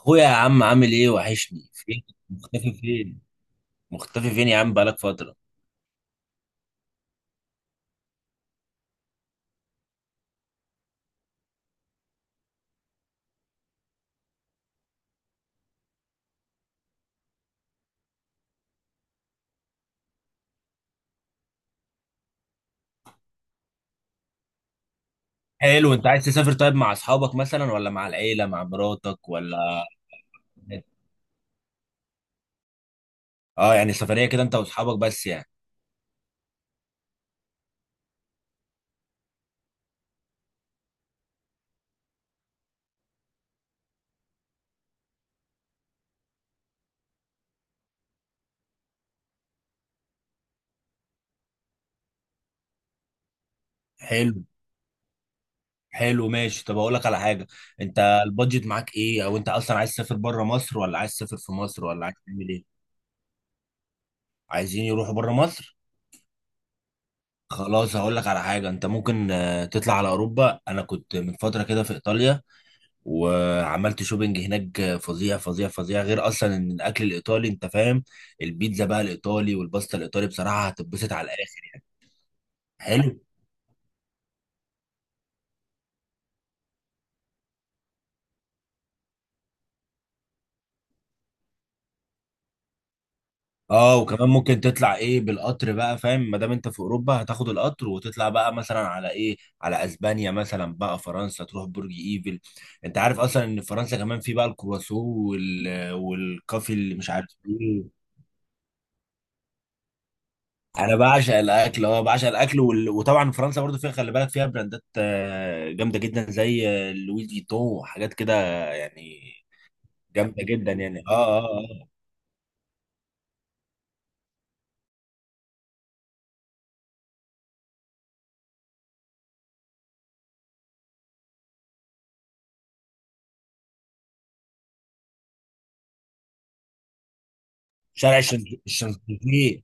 اخويا يا عم، عامل ايه؟ وحشني. فين؟ مختفي فين؟ مختفي فين يا عم؟ بقالك فترة. حلو، انت عايز تسافر؟ طيب، مع اصحابك مثلا، ولا مع العيلة، مع مراتك، ولا؟ اه، يعني سفرية كده انت واصحابك بس يعني. حلو حلو، ماشي. طب اقول لك على حاجة. انت البادجت معاك ايه؟ او انت اصلا عايز تسافر بره مصر، ولا عايز تسافر في مصر، ولا عايز تعمل ايه؟ عايزين يروحوا بره مصر؟ خلاص، هقول لك على حاجة. انت ممكن تطلع على اوروبا. انا كنت من فترة كده في ايطاليا، وعملت شوبينج هناك فظيع فظيع فظيع، غير اصلا ان الاكل الايطالي انت فاهم. البيتزا بقى الايطالي والباستا الايطالي بصراحه هتتبسط على الاخر. حلو، اه. وكمان ممكن تطلع ايه بالقطر بقى فاهم، ما دام انت في اوروبا هتاخد القطر وتطلع بقى مثلا على ايه، على اسبانيا مثلا، بقى فرنسا تروح برج ايفل. انت عارف اصلا ان في فرنسا كمان في بقى الكرواسون والكافي اللي مش عارف ايه. انا بعشق الاكل، اه بعشق الاكل، وطبعا فرنسا برضو فيها، خلي بالك فيها براندات جامده جدا زي لوي فيتون وحاجات كده يعني. جامده جدا يعني، اه اه اه. شارع الشانزليزيه.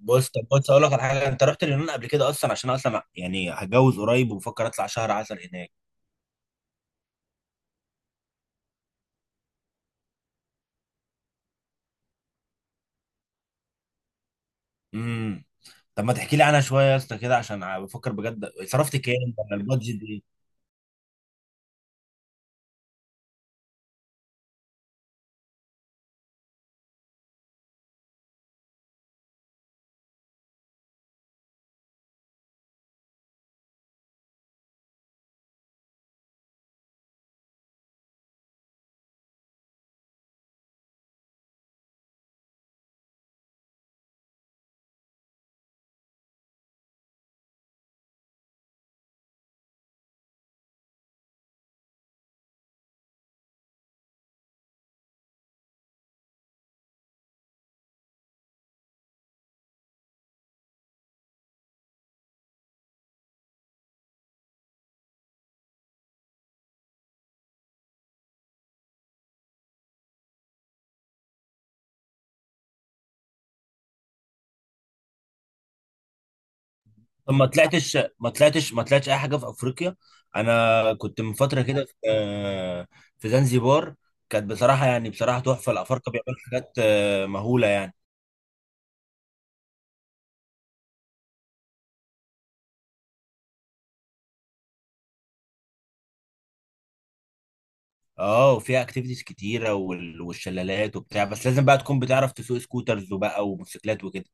بص، طب بص، اقول لك على حاجه. انت رحت اليونان قبل كده اصلا؟ عشان أنا اصلا يعني هتجوز قريب، وبفكر اطلع شهر عسل هناك. امم طب ما تحكي لي عنها شويه يا اسطى كده، عشان بفكر بجد. صرفت كام ولا البادجت إيه؟ طب ما طلعتش اي حاجه في افريقيا؟ انا كنت من فتره كده في زنزبار. كانت بصراحه، يعني بصراحه تحفه. الافارقه بيعملوا حاجات مهوله يعني. اه، وفيها اكتيفيتيز كتيره والشلالات وبتاع، بس لازم بقى تكون بتعرف تسوق سكوترز وبقى وموتوسيكلات وكده.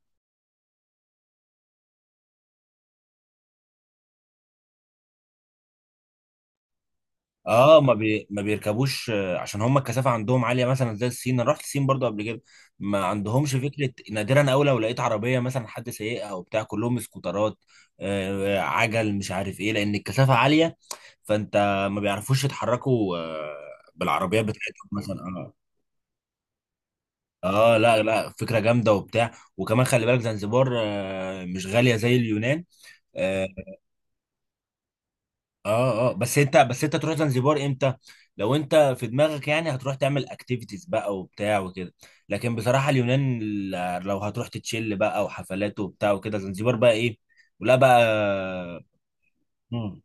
اه، ما بيركبوش عشان هم الكثافه عندهم عاليه، مثلا زي الصين. انا رحت الصين برضو قبل كده، ما عندهمش فكره، نادرا أوي لو لقيت عربيه مثلا حد سايقها وبتاع، كلهم سكوترات. عجل مش عارف ايه، لان الكثافه عاليه، فانت ما بيعرفوش يتحركوا بالعربيات بتاعتهم مثلا، اه. اه لا لا، فكره جامده وبتاع. وكمان خلي بالك زنزبار مش غاليه زي اليونان. آه، اه اه، بس انت، بس انت تروح زنزبار امتى؟ لو انت في دماغك يعني هتروح تعمل اكتيفيتيز بقى وبتاع وكده. لكن بصراحة اليونان، لو هتروح تتشيل بقى وحفلات وبتاع وكده، زنزبار بقى ايه؟ ولا بقى. مم.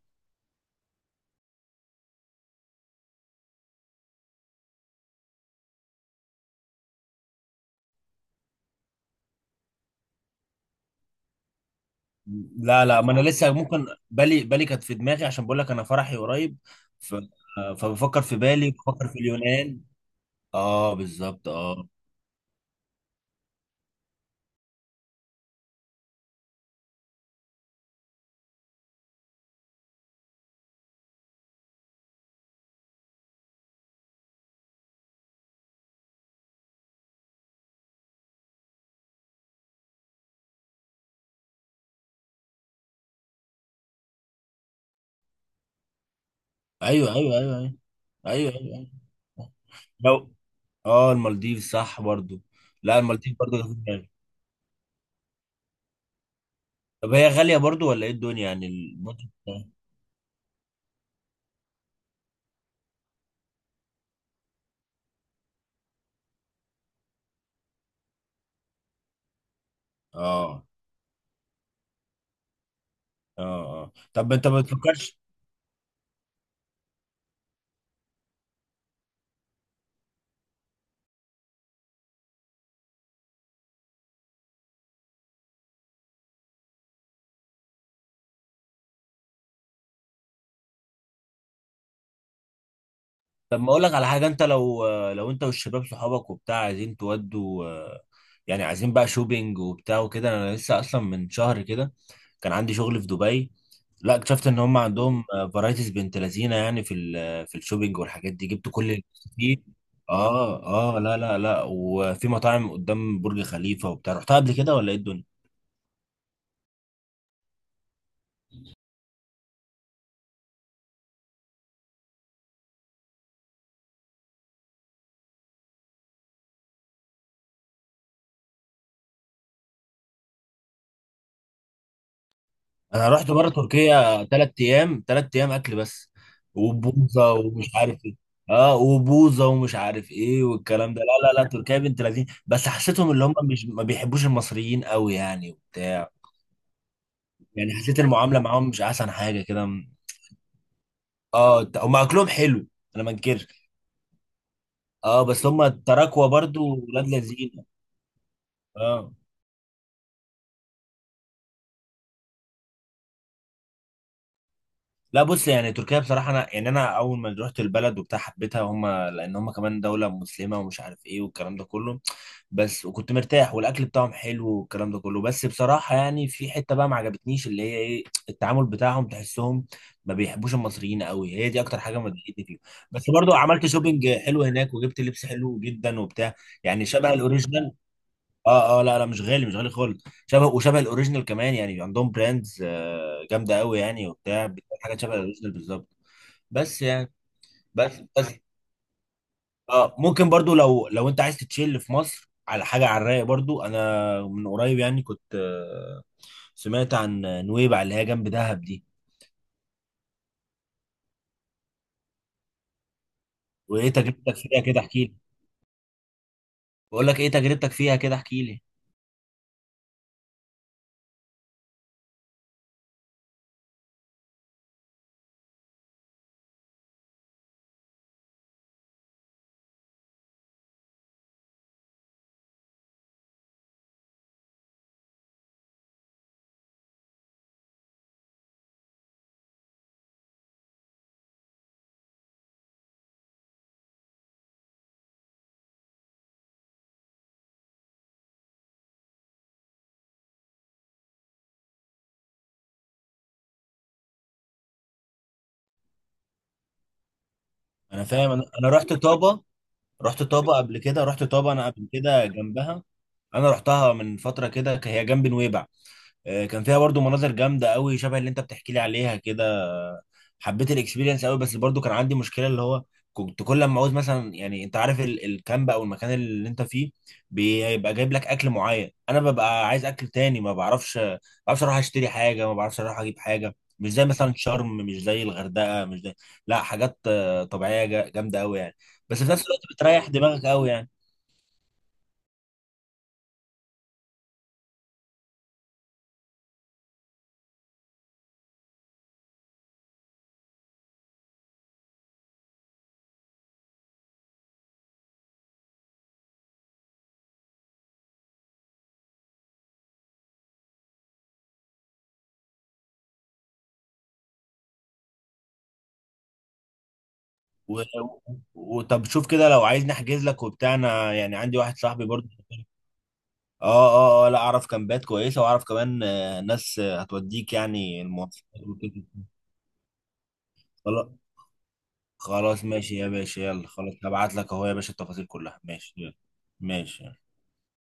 لا لا، ما انا لسه ممكن. بالي كانت في دماغي، عشان بقول لك انا فرحي قريب. ف... آه، فبفكر في بالي، بفكر في اليونان. اه بالظبط اه. ايوه ايوه ايوه ايوه ايوه، أيوة. أيوة. لو، اه المالديف صح برضو. لا، المالديف برضو في دماغي. طب هي غالية برضو ولا ايه الدنيا، يعني البودجت بتاعها؟ اه اه اه. طب انت ما بتفكرش؟ طب ما اقول لك على حاجة. انت لو انت والشباب صحابك وبتاع عايزين تودوا يعني عايزين بقى شوبينج وبتاع وكده، انا لسه اصلا من شهر كده كان عندي شغل في دبي. لا، اكتشفت ان هم عندهم فرايتيز بنت لذينه، يعني في الشوبينج والحاجات دي جبت كل اللي فيه. اه اه لا لا لا، وفي مطاعم قدام برج خليفة وبتاع. رحتها قبل كده ولا ايه الدنيا؟ انا رحت بره تركيا 3 ايام، 3 ايام اكل بس وبوظه ومش عارف ايه. اه وبوظه ومش عارف ايه والكلام ده. لا لا لا، تركيا بنت لذين، بس حسيتهم اللي هم مش ما بيحبوش المصريين قوي يعني وبتاع. يعني حسيت المعامله معاهم مش احسن حاجه كده. اه، هم اكلهم حلو، انا ما انكرش. اه، بس هم التراكوة برضو ولاد لذين. اه لا، بص، يعني تركيا بصراحة، أنا يعني أنا أول ما رحت البلد وبتاع حبيتها، هم لأن هم كمان دولة مسلمة، ومش عارف إيه والكلام ده كله. بس، وكنت مرتاح والأكل بتاعهم حلو والكلام ده كله، بس بصراحة يعني في حتة بقى ما عجبتنيش، اللي هي إيه، التعامل بتاعهم، تحسهم ما بيحبوش المصريين قوي. هي دي أكتر حاجة ما ضايقتني فيهم. بس برضو عملت شوبينج حلو هناك وجبت لبس حلو جدا وبتاع، يعني شبه الأوريجينال. اه اه لا لا، مش غالي، مش غالي خالص، شبه الاوريجينال كمان، يعني عندهم براندز جامده قوي يعني وبتاع، بتبقى حاجه شبه الاوريجينال بالظبط. بس يعني، بس اه ممكن برضو، لو انت عايز تتشيل في مصر على حاجه على الرايق، برضو انا من قريب يعني كنت سمعت عن نويبع، اللي هي جنب دهب دي. وايه تجربتك فيها كده؟ احكي لي. بقول لك، ايه تجربتك فيها كده؟ احكي لي. انا فاهم. انا رحت طابه. رحت طابه قبل كده رحت طابه انا قبل كده جنبها. انا رحتها من فتره كده، هي جنب نويبع. كان فيها برضو مناظر جامده قوي، شبه اللي انت بتحكي لي عليها كده. حبيت الاكسبيرينس قوي، بس برضو كان عندي مشكله، اللي هو كنت كل ما عاوز مثلا، يعني انت عارف الكامب او المكان اللي انت فيه بيبقى جايب لك اكل معين، انا ببقى عايز اكل تاني، ما بعرفش ما بعرفش اروح اشتري حاجه، ما بعرفش اروح اجيب حاجه، مش زي مثلا شرم، مش زي الغردقه، مش زي، لا حاجات طبيعيه، جامده قوي يعني. بس في نفس الوقت بتريح دماغك قوي يعني. و... طب شوف كده، لو عايز نحجز لك وبتاع، انا يعني عندي واحد صاحبي برضو. اه اه اه لا، اعرف كامبات كويسه، واعرف كمان ناس هتوديك يعني المواصلات وكده. خلاص، خلاص ماشي يا باشا. يلا، خلاص هبعت لك اهو يا باشا التفاصيل كلها. ماشي يلا. ماشي.